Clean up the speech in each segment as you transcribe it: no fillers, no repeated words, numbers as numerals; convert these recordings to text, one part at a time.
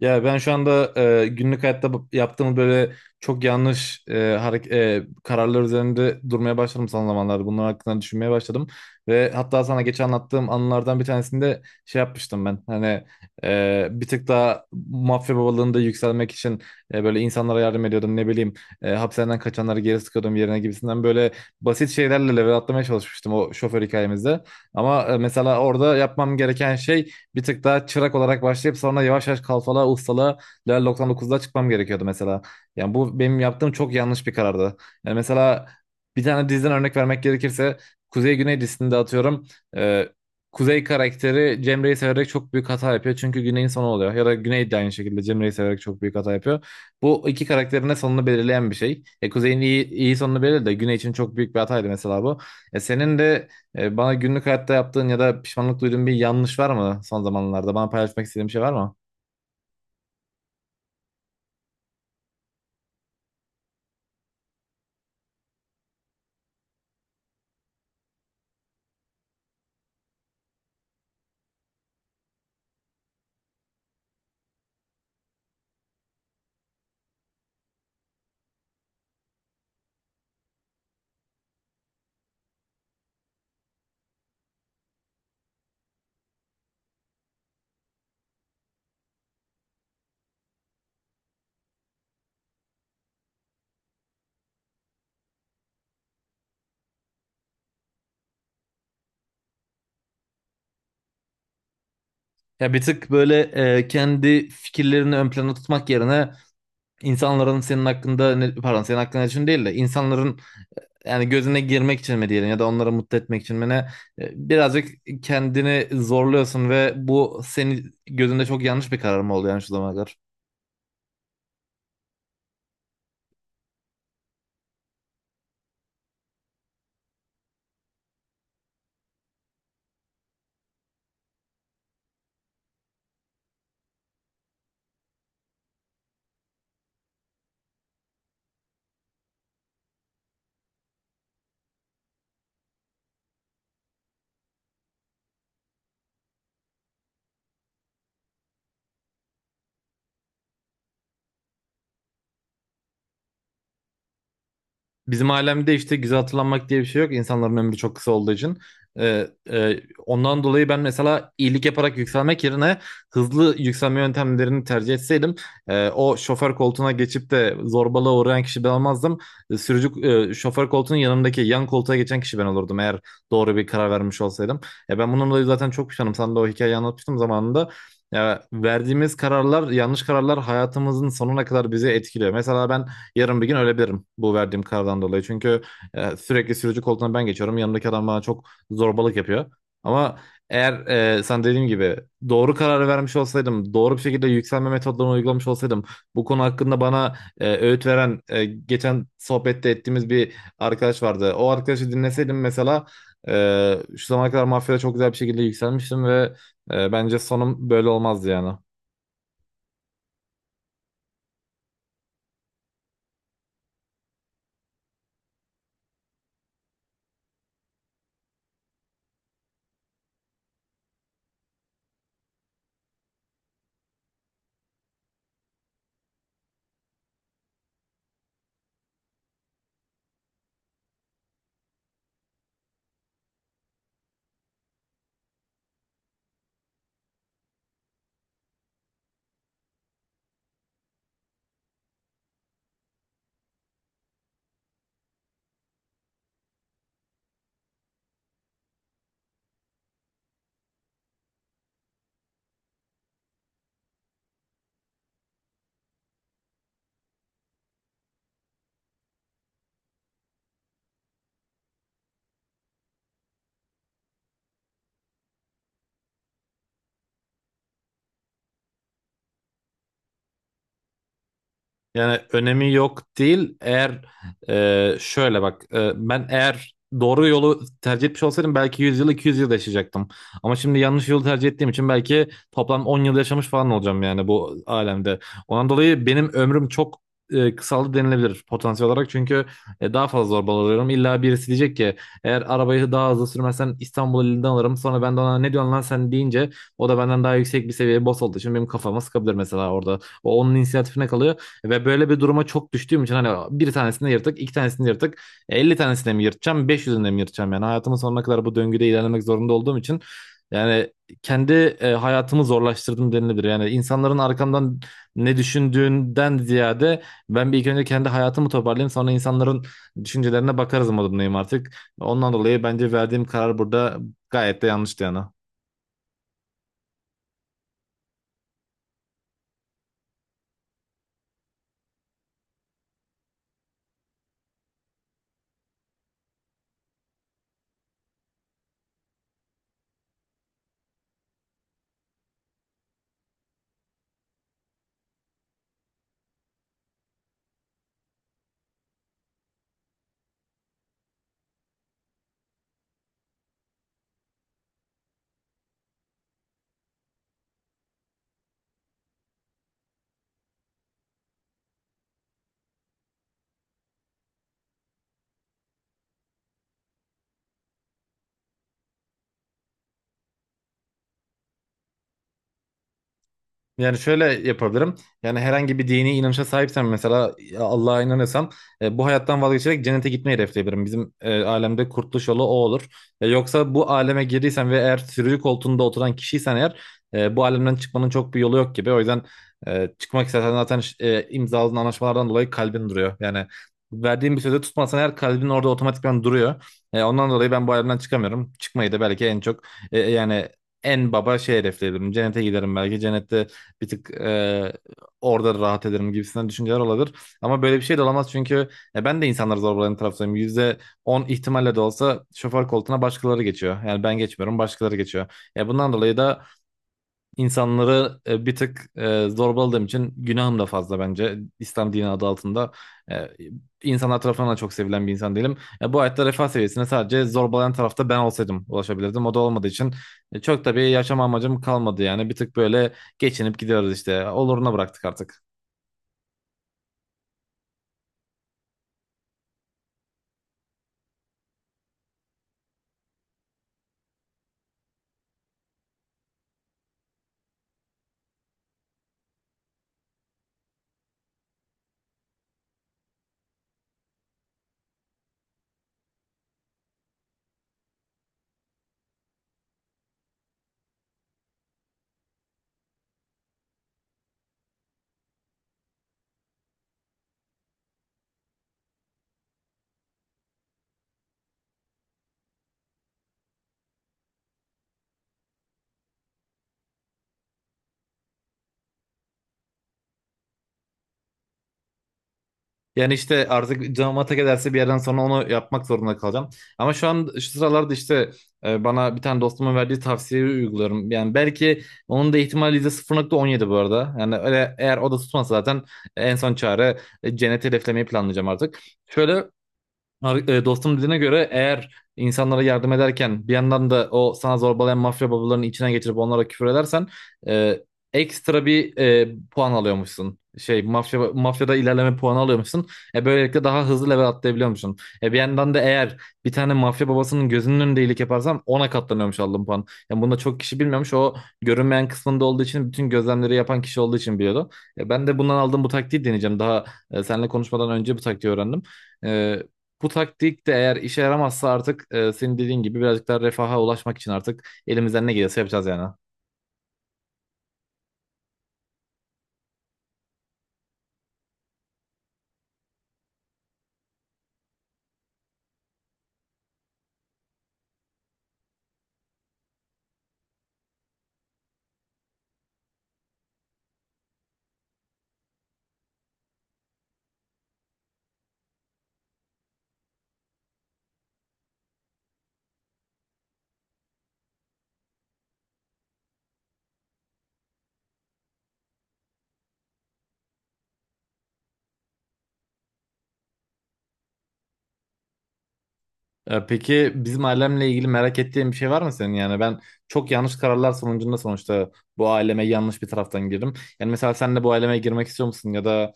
Ya ben şu anda günlük hayatta yaptığım böyle çok yanlış kararlar üzerinde durmaya başladım son zamanlarda. Bunlar hakkında düşünmeye başladım. Ve hatta sana geçen anlattığım anılardan bir tanesinde şey yapmıştım ben. Hani bir tık daha mafya babalığında yükselmek için böyle insanlara yardım ediyordum. Ne bileyim hapishaneden kaçanları geri sıkıyordum yerine gibisinden böyle basit şeylerle level atlamaya çalışmıştım o şoför hikayemizde. Ama mesela orada yapmam gereken şey bir tık daha çırak olarak başlayıp sonra yavaş yavaş kalfalığa, ustalığa level 99'da çıkmam gerekiyordu mesela. Yani bu benim yaptığım çok yanlış bir karardı. Yani mesela bir tane diziden örnek vermek gerekirse Kuzey Güney dizisinde atıyorum e, Kuzey karakteri Cemre'yi severek çok büyük hata yapıyor. Çünkü Güney'in sonu oluyor. Ya da Güney de aynı şekilde Cemre'yi severek çok büyük hata yapıyor. Bu iki karakterin de sonunu belirleyen bir şey. E, Kuzey'in iyi sonunu belirledi de Güney için çok büyük bir hataydı mesela bu. E, senin de bana günlük hayatta yaptığın ya da pişmanlık duyduğun bir yanlış var mı son zamanlarda? Bana paylaşmak istediğin bir şey var mı? Ya bir tık böyle kendi fikirlerini ön plana tutmak yerine insanların senin hakkında ne, pardon senin hakkında için değil de insanların yani gözüne girmek için mi diyelim ya da onları mutlu etmek için mi ne birazcık kendini zorluyorsun ve bu senin gözünde çok yanlış bir karar mı oldu yani şu zamana kadar? Bizim alemde işte güzel hatırlanmak diye bir şey yok. İnsanların ömrü çok kısa olduğu için. Ee, e, Ondan dolayı ben mesela iyilik yaparak yükselmek yerine hızlı yükselme yöntemlerini tercih etseydim o şoför koltuğuna geçip de zorbalığa uğrayan kişi ben olmazdım. E, şoför koltuğunun yanındaki yan koltuğa geçen kişi ben olurdum eğer doğru bir karar vermiş olsaydım. E, ben bununla dolayı zaten çok pişmanım. Sana da o hikayeyi anlatmıştım zamanında. Ya, verdiğimiz kararlar, yanlış kararlar hayatımızın sonuna kadar bizi etkiliyor. Mesela ben yarın bir gün ölebilirim bu verdiğim karardan dolayı. Çünkü sürekli sürücü koltuğuna ben geçiyorum. Yanımdaki adam bana çok zorbalık yapıyor. Ama eğer sen dediğim gibi doğru kararı vermiş olsaydım, doğru bir şekilde yükselme metodlarını uygulamış olsaydım, bu konu hakkında bana öğüt veren, geçen sohbette ettiğimiz bir arkadaş vardı. O arkadaşı dinleseydim mesela şu zamana kadar mafyada çok güzel bir şekilde yükselmiştim ve bence sonum böyle olmazdı yani. Yani önemi yok değil. Eğer şöyle bak ben eğer doğru yolu tercih etmiş olsaydım belki 100 yıl 200 yıl yaşayacaktım. Ama şimdi yanlış yolu tercih ettiğim için belki toplam 10 yıl yaşamış falan olacağım yani bu alemde. Ondan dolayı benim ömrüm çok kısaldı denilebilir potansiyel olarak. Çünkü daha fazla zorbalanıyorum. İlla birisi diyecek ki eğer arabayı daha hızlı sürmezsen İstanbul elinden alırım. Sonra ben de ona ne diyorsun lan sen deyince o da benden daha yüksek bir seviyeye boss olduğu için benim kafama sıkabilir mesela orada. O onun inisiyatifine kalıyor. Ve böyle bir duruma çok düştüğüm için hani bir tanesini yırtık, iki tanesini yırtık, 50 tanesini mi yırtacağım, 500'ünü mi yırtacağım yani hayatımın sonuna kadar bu döngüde ilerlemek zorunda olduğum için yani kendi hayatımı zorlaştırdım denilebilir. Yani insanların arkamdan ne düşündüğünden ziyade ben bir ilk önce kendi hayatımı toparlayayım sonra insanların düşüncelerine bakarız modundayım artık. Ondan dolayı bence verdiğim karar burada gayet de yanlıştı yani. Yani şöyle yapabilirim. Yani herhangi bir dini inanışa sahipsem mesela Allah'a inanırsam bu hayattan vazgeçerek cennete gitmeyi hedefleyebilirim. Bizim alemde kurtuluş yolu o olur. E, yoksa bu aleme girdiysen ve eğer sürücü koltuğunda oturan kişiysen eğer bu alemden çıkmanın çok bir yolu yok gibi. O yüzden çıkmak istersen zaten imzaladığın anlaşmalardan dolayı kalbin duruyor. Yani verdiğin bir sözü tutmazsan eğer kalbin orada otomatikman duruyor. E, ondan dolayı ben bu alemden çıkamıyorum. Çıkmayı da belki en çok yani en baba şey hedefleyebilirim. Cennete giderim belki. Cennette bir tık orada rahat ederim gibisinden düşünceler olabilir. Ama böyle bir şey de olamaz çünkü ben de insanları zorbalayan taraftayım. %10 ihtimalle de olsa şoför koltuğuna başkaları geçiyor. Yani ben geçmiyorum başkaları geçiyor. Ya bundan dolayı da İnsanları bir tık zorbaladığım için günahım da fazla bence. İslam dini adı altında e, insanlar tarafından da çok sevilen bir insan değilim. E, bu hayatta refah seviyesine sadece zorbalayan tarafta ben olsaydım ulaşabilirdim. O da olmadığı için çok da bir yaşam amacım kalmadı yani. Bir tık böyle geçinip gidiyoruz işte. Oluruna bıraktık artık. Yani işte artık canım ata giderse bir yerden sonra onu yapmak zorunda kalacağım. Ama şu an şu sıralarda işte bana bir tane dostumun verdiği tavsiyeyi uyguluyorum. Yani belki onun da ihtimali %0,17 bu arada. Yani öyle eğer o da tutmazsa zaten en son çare cenneti hedeflemeyi planlayacağım artık. Şöyle Dostum dediğine göre eğer insanlara yardım ederken bir yandan da o sana zorbalayan mafya babalarının içine geçirip onlara küfür edersen e, ekstra bir puan alıyormuşsun. Mafyada ilerleme puanı alıyormuşsun. Böylelikle daha hızlı level atlayabiliyormuşsun. Bir yandan da eğer bir tane mafya babasının gözünün önünde iyilik yaparsan ona katlanıyormuş aldığın puan. Yani bunu da çok kişi bilmiyormuş. O görünmeyen kısmında olduğu için bütün gözlemleri yapan kişi olduğu için biliyordu. E, ben de bundan aldığım bu taktiği deneyeceğim. Daha seninle konuşmadan önce bu taktiği öğrendim. E, bu taktik de eğer işe yaramazsa artık senin dediğin gibi birazcık daha refaha ulaşmak için artık elimizden ne gelirse yapacağız yani. E, peki bizim ailemle ilgili merak ettiğin bir şey var mı senin? Yani ben çok yanlış kararlar sonucunda sonuçta bu aileme yanlış bir taraftan girdim. Yani mesela sen de bu aileme girmek istiyor musun? Ya da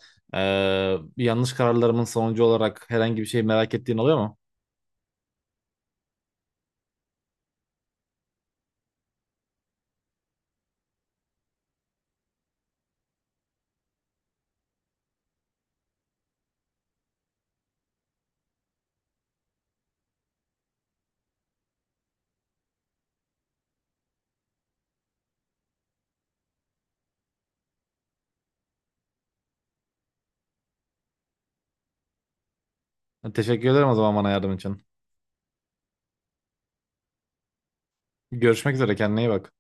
yanlış kararlarımın sonucu olarak herhangi bir şey merak ettiğin oluyor mu? Teşekkür ederim o zaman bana yardım için. Görüşmek üzere kendine iyi bak.